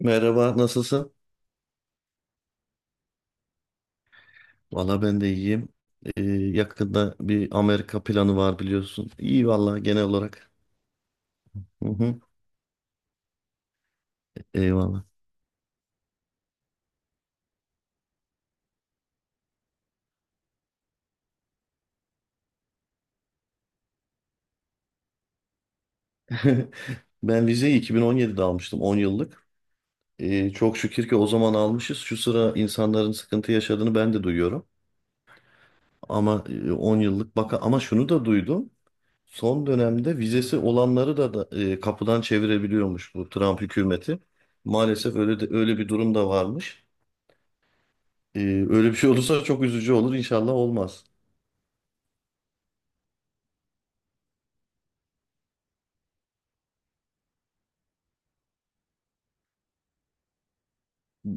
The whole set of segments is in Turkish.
Merhaba, nasılsın? Valla ben de iyiyim. Yakında bir Amerika planı var biliyorsun. İyi valla genel olarak. Hı hı, eyvallah. Ben vizeyi 2017'de almıştım, 10 yıllık. Çok şükür ki o zaman almışız. Şu sıra insanların sıkıntı yaşadığını ben de duyuyorum. Ama 10 yıllık baka ama şunu da duydum. Son dönemde vizesi olanları da kapıdan çevirebiliyormuş bu Trump hükümeti. Maalesef öyle de, öyle bir durum da varmış. Ee, öyle bir şey olursa çok üzücü olur. İnşallah olmaz.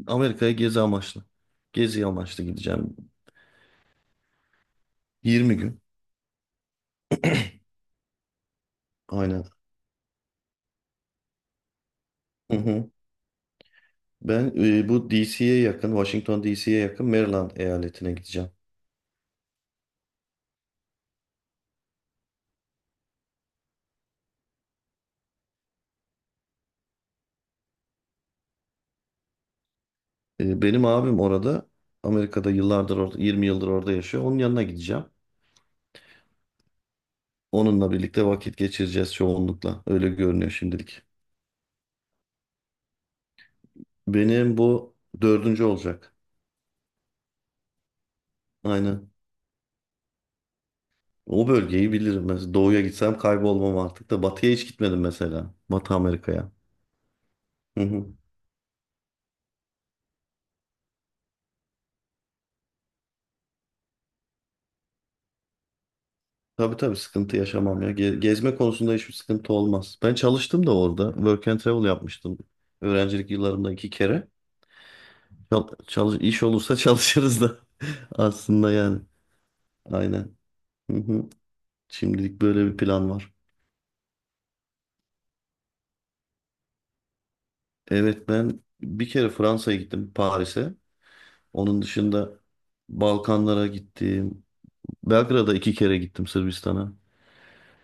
Amerika'ya gezi amaçlı. Gezi amaçlı gideceğim. 20 gün. Aynen. Hı hı. Ben bu DC'ye yakın, Washington DC'ye yakın Maryland eyaletine gideceğim. Benim abim orada, Amerika'da yıllardır orada, 20 yıldır orada yaşıyor. Onun yanına gideceğim. Onunla birlikte vakit geçireceğiz çoğunlukla. Öyle görünüyor şimdilik. Benim bu dördüncü olacak. Aynen. O bölgeyi bilirim. Mesela doğuya gitsem kaybolmam artık da batıya hiç gitmedim mesela. Batı Amerika'ya. Hı hı. Tabii tabii sıkıntı yaşamam ya. Gezme konusunda hiçbir sıkıntı olmaz. Ben çalıştım da orada. Work and travel yapmıştım. Öğrencilik yıllarımda iki kere. Çalış iş olursa çalışırız da aslında yani. Aynen. Hı hı. Şimdilik böyle bir plan var. Evet, ben bir kere Fransa'ya gittim, Paris'e. Onun dışında Balkanlara gittim. Belgrad'a iki kere gittim, Sırbistan'a.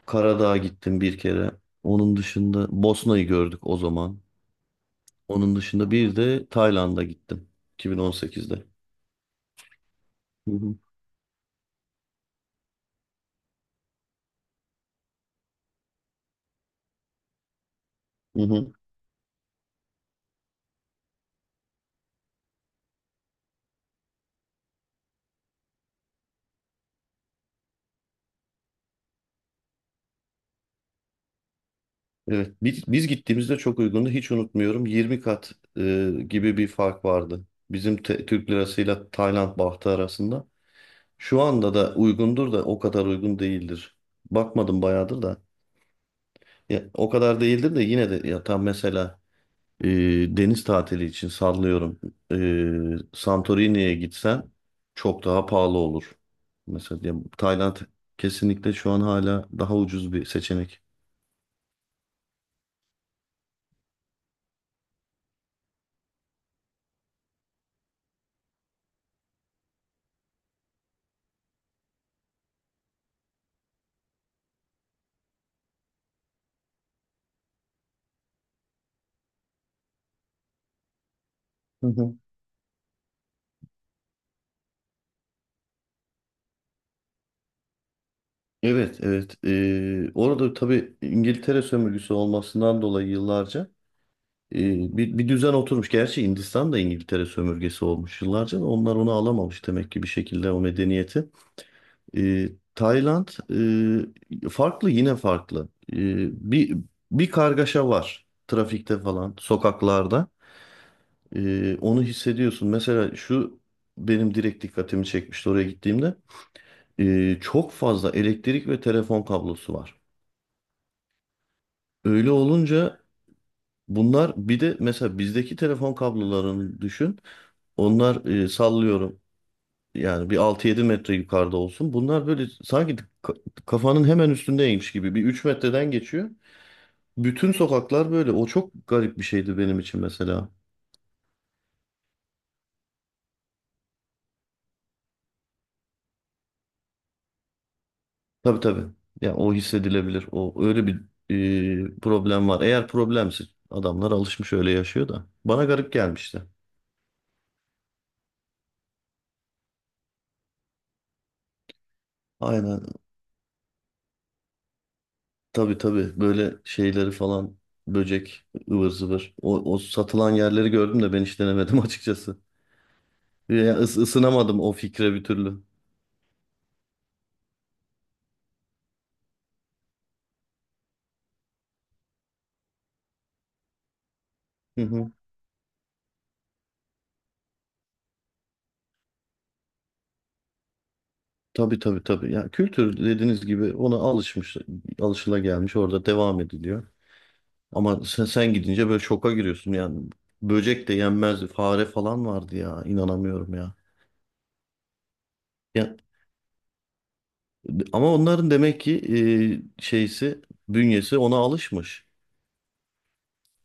Karadağ'a gittim bir kere. Onun dışında Bosna'yı gördük o zaman. Onun dışında bir de Tayland'a gittim, 2018'de. Hı hı. Hı hı. Evet, biz gittiğimizde çok uygundu. Hiç unutmuyorum. 20 kat gibi bir fark vardı. Bizim Türk lirasıyla Tayland bahtı arasında. Şu anda da uygundur da o kadar uygun değildir. Bakmadım bayağıdır da. Ya, o kadar değildir de yine de ya tam mesela, E, deniz tatili için sallıyorum. Santorini'ye gitsen çok daha pahalı olur. Mesela diyelim Tayland kesinlikle şu an hala daha ucuz bir seçenek. Hı hı. Evet, evet. Orada tabii İngiltere sömürgesi olmasından dolayı yıllarca e, bir düzen oturmuş. Gerçi Hindistan da İngiltere sömürgesi olmuş yıllarca da onlar onu alamamış demek ki bir şekilde o medeniyeti. E, Tayland farklı, yine farklı. Bir bir kargaşa var trafikte falan, sokaklarda. Onu hissediyorsun. Mesela şu benim direkt dikkatimi çekmişti oraya gittiğimde. Çok fazla elektrik ve telefon kablosu var. Öyle olunca bunlar, bir de mesela bizdeki telefon kablolarını düşün. Onlar sallıyorum yani bir 6-7 metre yukarıda olsun. Bunlar böyle sanki kafanın hemen üstündeymiş gibi, bir 3 metreden geçiyor. Bütün sokaklar böyle. O çok garip bir şeydi benim için mesela. Tabii tabii. Ya o hissedilebilir. O öyle bir problem var. Eğer problemse adamlar alışmış, öyle yaşıyor da. Bana garip gelmişti. Aynen. Tabii tabii. Böyle şeyleri falan, böcek ıvır zıvır. O satılan yerleri gördüm de ben hiç denemedim açıkçası. Ya, ısınamadım o fikre bir türlü. Hı hı. Tabii tabii tabii. Ya, kültür dediğiniz gibi ona alışmış, alışılagelmiş, orada devam ediliyor. Ama sen gidince böyle şoka giriyorsun yani. Böcek de yenmezdi. Fare falan vardı ya. İnanamıyorum ya. Ya ama onların demek ki şeysi, bünyesi ona alışmış.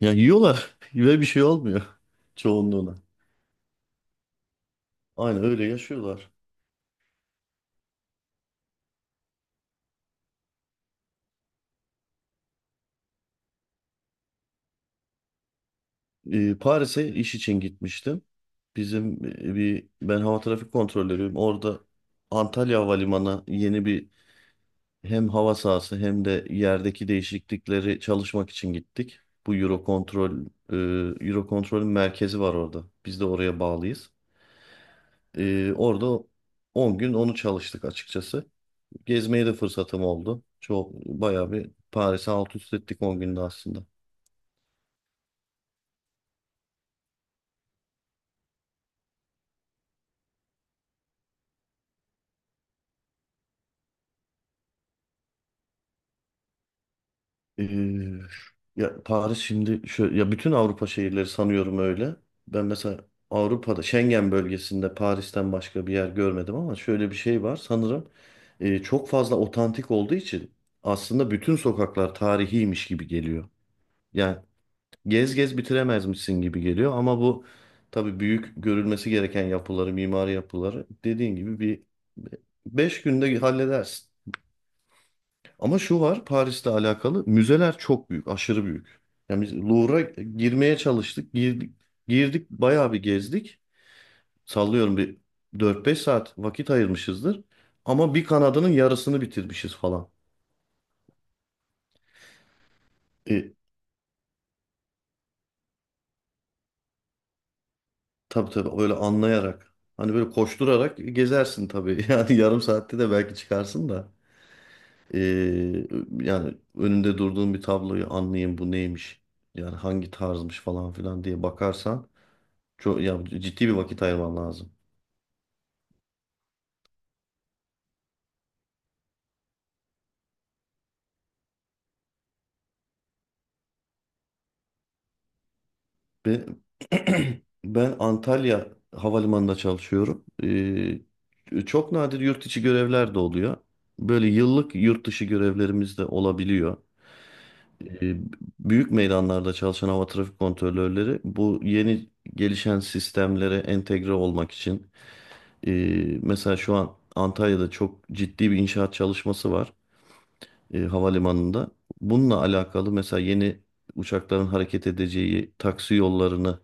Ya, yiyorlar ve bir şey olmuyor, çoğunluğuna. Aynen öyle yaşıyorlar. Paris'e iş için gitmiştim. Bizim e, bir ben hava trafik kontrolörüyüm. Orada Antalya Havalimanı yeni bir hem hava sahası hem de yerdeki değişiklikleri çalışmak için gittik. Bu Eurocontrol'ün merkezi var orada. Biz de oraya bağlıyız. Orada 10 gün onu çalıştık açıkçası. Gezmeye de fırsatım oldu. Çok bayağı bir Paris'i alt üst ettik, 10 günde aslında. Ee, ya Paris şimdi şöyle, ya bütün Avrupa şehirleri sanıyorum öyle. Ben mesela Avrupa'da Schengen bölgesinde Paris'ten başka bir yer görmedim, ama şöyle bir şey var sanırım, çok fazla otantik olduğu için aslında bütün sokaklar tarihiymiş gibi geliyor. Yani gez gez bitiremezmişsin gibi geliyor, ama bu tabii büyük görülmesi gereken yapıları, mimari yapıları dediğin gibi bir 5 günde halledersin. Ama şu var, Paris'le alakalı müzeler çok büyük, aşırı büyük. Yani biz Louvre'a girmeye çalıştık, girdik, bayağı bir gezdik. Sallıyorum bir 4-5 saat vakit ayırmışızdır. Ama bir kanadının yarısını bitirmişiz falan. E, tabii tabii, öyle anlayarak. Hani böyle koşturarak gezersin tabii. Yani yarım saatte de belki çıkarsın da. E, yani önünde durduğun bir tabloyu anlayayım bu neymiş. Yani hangi tarzmış falan filan diye bakarsan. Çok ya, ciddi bir vakit ayırman lazım. Ve ben Antalya Havalimanı'nda çalışıyorum. Çok nadir yurt içi görevler de oluyor. Böyle yıllık yurt dışı görevlerimiz de olabiliyor. Ee, büyük meydanlarda çalışan hava trafik kontrolörleri, bu yeni gelişen sistemlere entegre olmak için, e, mesela şu an Antalya'da çok ciddi bir inşaat çalışması var, havalimanında. Bununla alakalı mesela yeni uçakların hareket edeceği taksi yollarını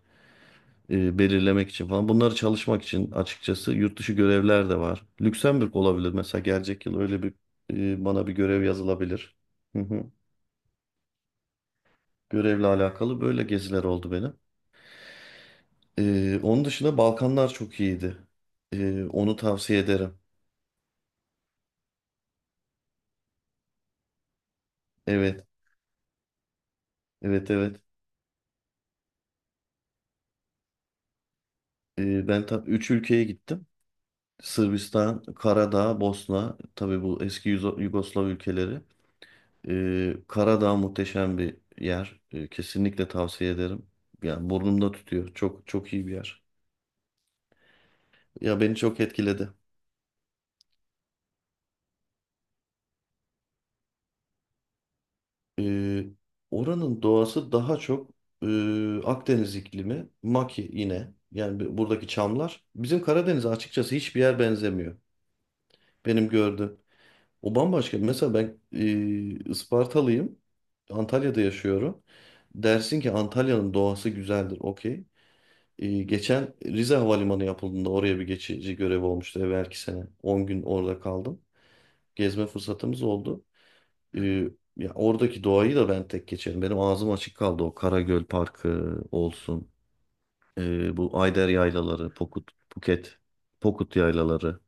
belirlemek için falan, bunları çalışmak için açıkçası yurt dışı görevler de var. Lüksemburg olabilir mesela, gelecek yıl öyle bir bana bir görev yazılabilir. Hı hı. Görevle alakalı böyle geziler oldu benim. Onun dışında Balkanlar çok iyiydi. Onu tavsiye ederim. Evet, evet, evet. Ben tabii 3 ülkeye gittim. Sırbistan, Karadağ, Bosna, tabii bu eski Yugoslav ülkeleri. Karadağ muhteşem bir yer. Kesinlikle tavsiye ederim. Yani burnumda tutuyor. Çok çok iyi bir yer. Ya, beni çok etkiledi. Ee, oranın doğası daha çok e, Akdeniz iklimi, maki yine. Yani buradaki çamlar. Bizim Karadeniz'e açıkçası hiçbir yer benzemiyor. Benim gördüğüm. O bambaşka. Mesela ben Ispartalıyım. Antalya'da yaşıyorum. Dersin ki Antalya'nın doğası güzeldir. Okey. Geçen Rize Havalimanı yapıldığında oraya bir geçici görev olmuştu evvelki sene. 10 gün orada kaldım. Gezme fırsatımız oldu. E, ya oradaki doğayı da ben tek geçerim. Benim ağzım açık kaldı. O Karagöl Parkı olsun. Bu Ayder Yaylaları, Pokut, Buket, Pokut Yaylaları.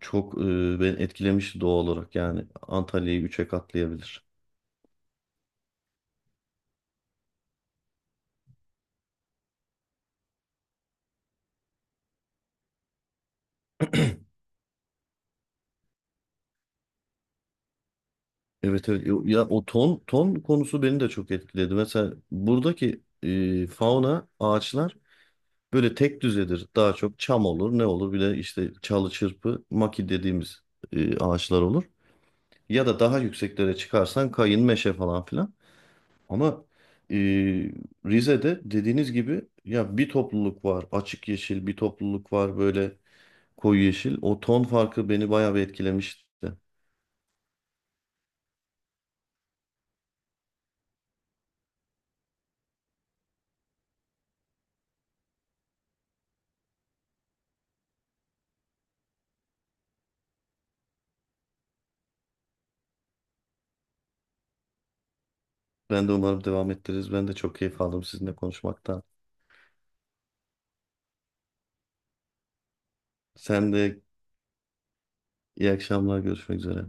Çok beni etkilemişti doğal olarak. Yani Antalya'yı üçe katlayabilir. Evet, evet, ya o ton ton konusu beni de çok etkiledi. Mesela buradaki fauna, ağaçlar böyle tek düzedir. Daha çok çam olur, ne olur, bir de işte çalı çırpı maki dediğimiz ağaçlar olur. Ya da daha yükseklere çıkarsan, kayın, meşe falan filan. Ama e, Rize'de dediğiniz gibi, ya bir topluluk var, açık yeşil bir topluluk var, böyle koyu yeşil. O ton farkı beni bayağı bir etkilemişti. Ben de umarım devam ettiririz. Ben de çok keyif aldım sizinle konuşmaktan. Sen de iyi akşamlar, görüşmek üzere.